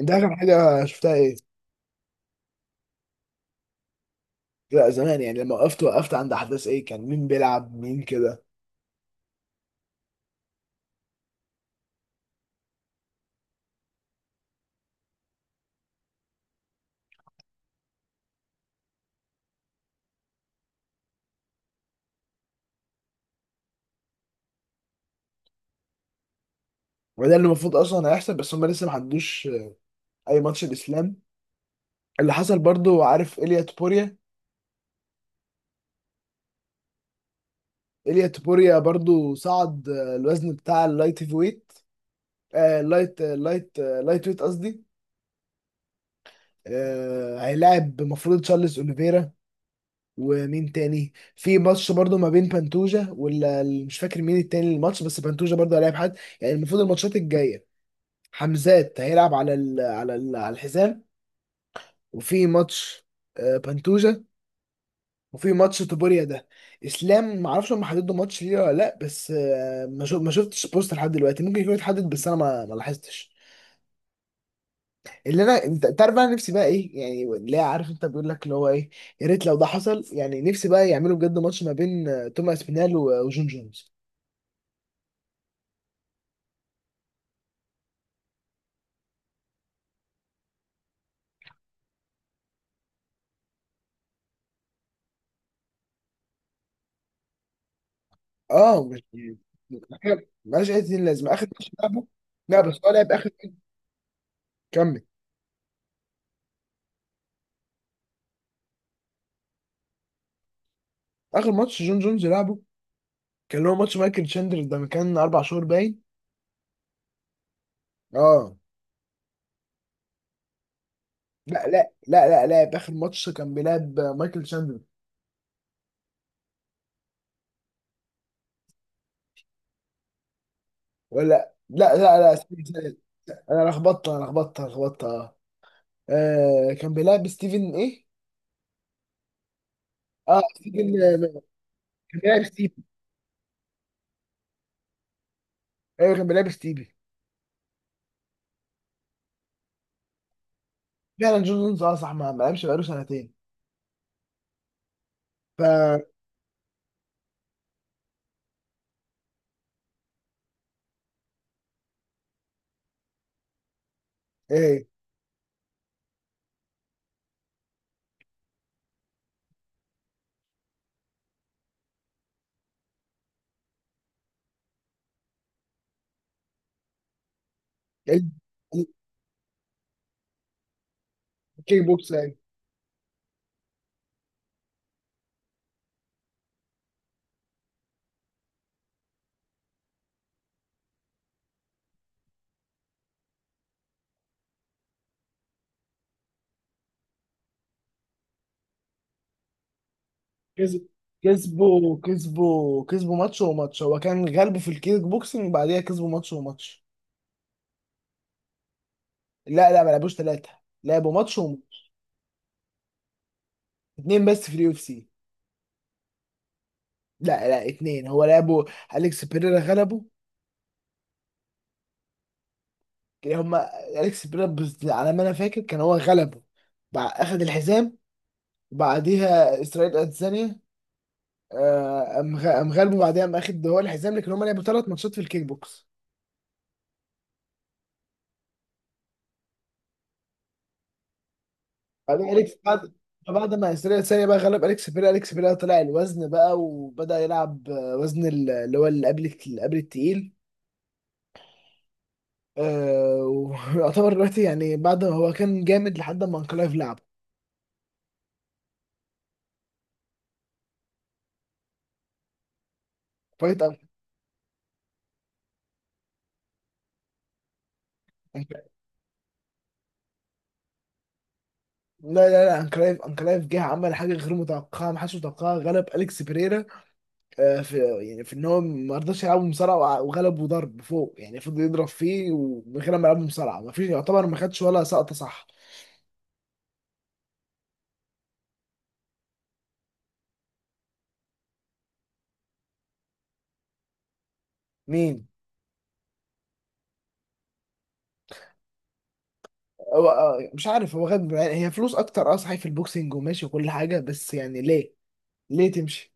انت اخر حاجه شفتها ايه؟ لا زمان، يعني لما وقفت عند احداث ايه، كان مين بيلعب مين كده. وده اللي المفروض اصلا هيحصل بس هم لسه ما عندوش اي ماتش الاسلام. اللي حصل برضو، عارف إيليا تبوريا؟ إيليا تبوريا برضو صعد الوزن بتاع اللايت هيفي ويت. اللايت ويت قصدي. هيلاعب المفروض تشارلز اوليفيرا. ومين تاني في ماتش برضو ما بين بانتوجا ولا مش فاكر مين التاني الماتش، بس بانتوجا برضو هيلاعب حد يعني. المفروض الماتشات الجايه، حمزات هيلعب على الحزام. وفي ماتش بنتوجا، وفي ماتش توبوريا ده. اسلام ما اعرفش هم حددوا ماتش ليه ولا لا، بس ما شفتش بوست لحد دلوقتي. ممكن يكون اتحدد بس انا ما لاحظتش. اللي انا، انت تعرف انا نفسي بقى ايه، يعني اللي هي، عارف انت بيقول لك اللي هو ايه، يا ريت لو ده حصل. يعني نفسي بقى يعملوا بجد ماتش ما بين توماس بينال و- آه، وجون جونز. اه مش، ملهاش اي لازمه اخر ماتش لعبه. لا بس هو لعب اخر، كمل. اخر ماتش جون جونز لعبه كان اللي هو ماتش مايكل تشاندلر ده، من كان 4 شهور باين. اه. لا، اخر ماتش كان بيلعب مايكل تشاندلر. ولا لا لا لا، استنى استنى. انا لخبطت انا لخبطت أنا لخبطت اه. كان بيلعب ستيفن، ايه؟ اه ستيفن كان بيلعب ستيفن. ايوه كان بيلعب ستيفن. فعلا جون جونز اه صح، ما لعبش بقاله سنتين. فا، ايه ال- ال- الكيك بوكس يعني. كسب، كسبوا ماتش وماتش، هو كان غلبه في الكيك بوكسنج، بعديها كسبوا ماتش وماتش. لا لا ما لعبوش 3، لعبوا ماتش. اتنين بس في اليو اف سي. لا لا، 2 هو لعبوا. أليكس بيريرا غلبه. كان هما أليكس بيريرا على ما أنا فاكر كان هو غلبه. أخد الحزام، وبعديها إسرائيل أديسانيا، أم غلبه، بعديها أم أخد هو الحزام. لكن هما لعبوا 3 ماتشات في الكيك بوكس. بعدين أليكس بعد ما إسرائيل أديسانيا بقى غلب أليكس بيريرا، أليكس بيريرا طلع الوزن بقى وبدأ يلعب وزن اللي هو اللي قبل التقيل. آه، ويعتبر دلوقتي يعني بعد ما هو كان جامد لحد ما انكلايف لعبه. فايت أن... أنك- لا لا لا، انكلايف، انكلايف جه عمل حاجه غير متوقعه ما حدش متوقعها، غلب اليكس بيريرا. آه، في يعني في ان هو ما رضاش يلعبه مصارعه، وع- وغلبه ضرب فوق. يعني فضل يضرب فيه ومن غير ما يلعبه مصارعه. ما فيش يعتبر ما خدش ولا سقطه، صح. مين؟ هو مش عارف هو غد. يعني هي فلوس اكتر اه صحيح في البوكسينج وماشي وكل حاجه، بس يعني ليه؟ ليه تمشي؟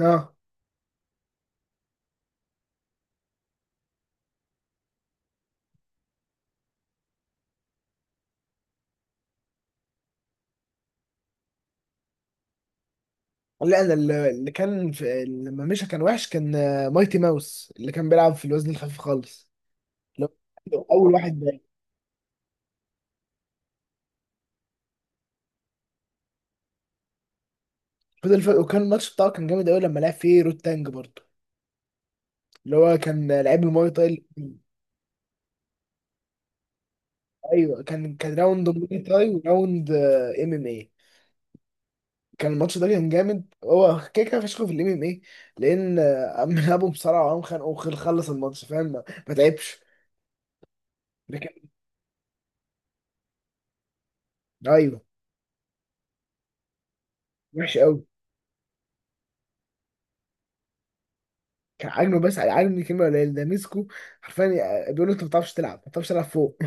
اه لا، انا اللي كان، في لما مشى كان وحش، كان مايتي ماوس اللي كان بيلعب في الوزن الخفيف خالص. اللي هو اول واحد ده، فضل فرق. وكان الماتش بتاعه كان جامد قوي لما لعب فيه رود تانج برضه، اللي هو كان لعيب الماي تاي. ايوه كان راوند ماي تاي وراوند ام ام اي. كان الماتش ده كان جامد. هو كده كده فشخه في الام ام اي، لان قام لعبه بسرعه وقام خانقه وخلص الماتش، فاهم؟ ما تعبش. لكن، ايوه، وحش قوي. كان عاجبني، بس عاجبني كلمه قليل ده، مسكه حرفيا. يعني بيقول له انت ما بتعرفش تلعب، ما بتعرفش تلعب فوق.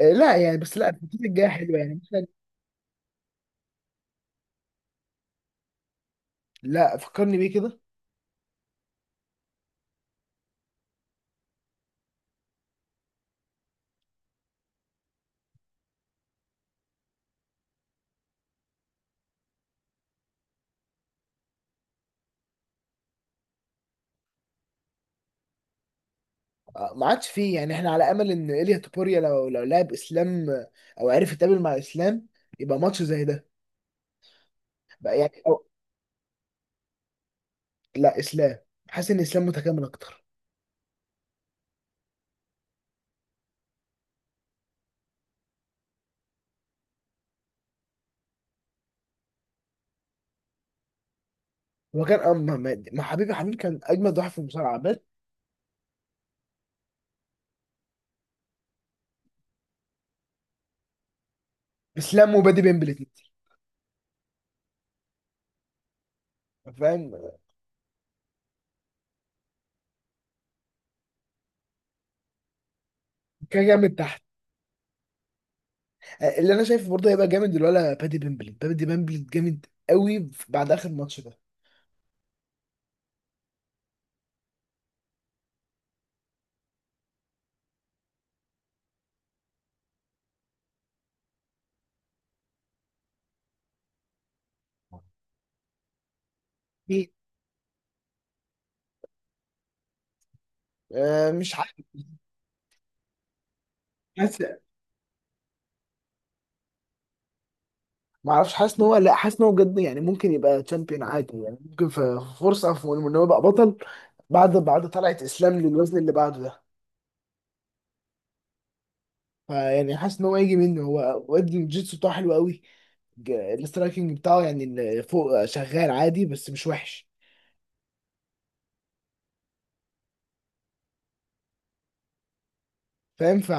لا يعني، بس لا الفتره الجايه حلوه يعني، مثلا. لا، فكرني بيه كده. ما عادش فيه. يعني احنا على امل ان ايليا توبوريا لو لعب اسلام، او عرف يتقابل مع اسلام، يبقى ماتش زي ده بقى يعني. أو لا، اسلام. حاسس ان اسلام متكامل اكتر. هو كان اه، ما ما- ما حبيبي، كان اجمد واحد في المصارعه بس. اسلام وبادي بيمبل الاتنين. فاهم. كان جامد تحت. اللي انا شايفه برضه هيبقى جامد الولا بادي بامبلي، جامد قوي بعد اخر ماتش ده. أكيد. مش عارف بس. ما اعرفش، حاسس ان هو، لا حاسس ان هو بجد يعني ممكن يبقى تشامبيون عادي. يعني ممكن في فرصه في ان هو يبقى بطل بعد طلعت اسلام للوزن اللي بعده ده. فيعني حاسس ان هو هيجي منه. هو واد الجيتسو بتاعه حلو قوي. الاسترايكنج بتاعه، يعني فوق شغال عادي بس مش وحش، فاهم؟ ف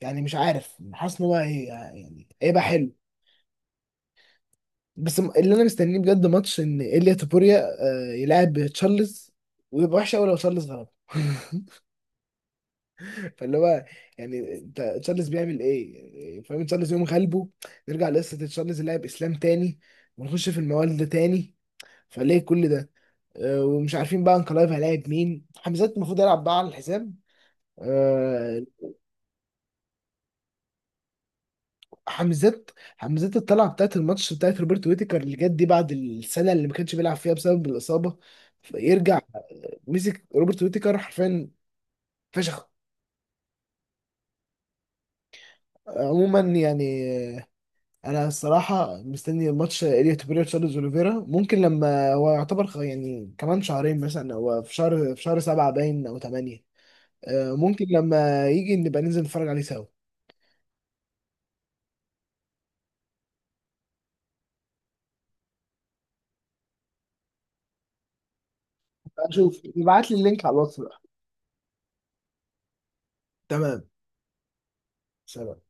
يعني مش عارف، حاسس ان يعني هيبقى حلو. بس اللي انا مستنيه بجد ماتش ان ايليا تابوريا يلعب تشارلز. ويبقى وحش قوي لو تشارلز غلب فاللي هو، يعني انت، تشارلز بيعمل ايه؟ يعني فاهم، تشارلز يوم غلبه، نرجع لقصه تشارلز لاعب اسلام تاني، ونخش في الموال ده تاني، فليه كل ده؟ ومش عارفين بقى انكلايف هيلاعب مين. حمزات المفروض يلعب بقى على الحساب. آه، حمزات حمزات الطلعه بتاعت الماتش بتاعت روبرت ويتيكر اللي جت دي بعد السنه اللي ما كانش بيلعب فيها بسبب الاصابه، يرجع مسك روبرت ويتيكر حرفيا فشخ. عموما يعني انا الصراحه مستني ماتش اليوت بيريرا تشارلز اوليفيرا. ممكن لما هو يعتبر يعني كمان شهرين مثلا، او في شهر، في شهر 7 باين او 8، ممكن لما يجي نبقى ننزل نتفرج عليه سوا. اشوف، ابعت لي اللينك على الواتس بقى. تمام. سلام.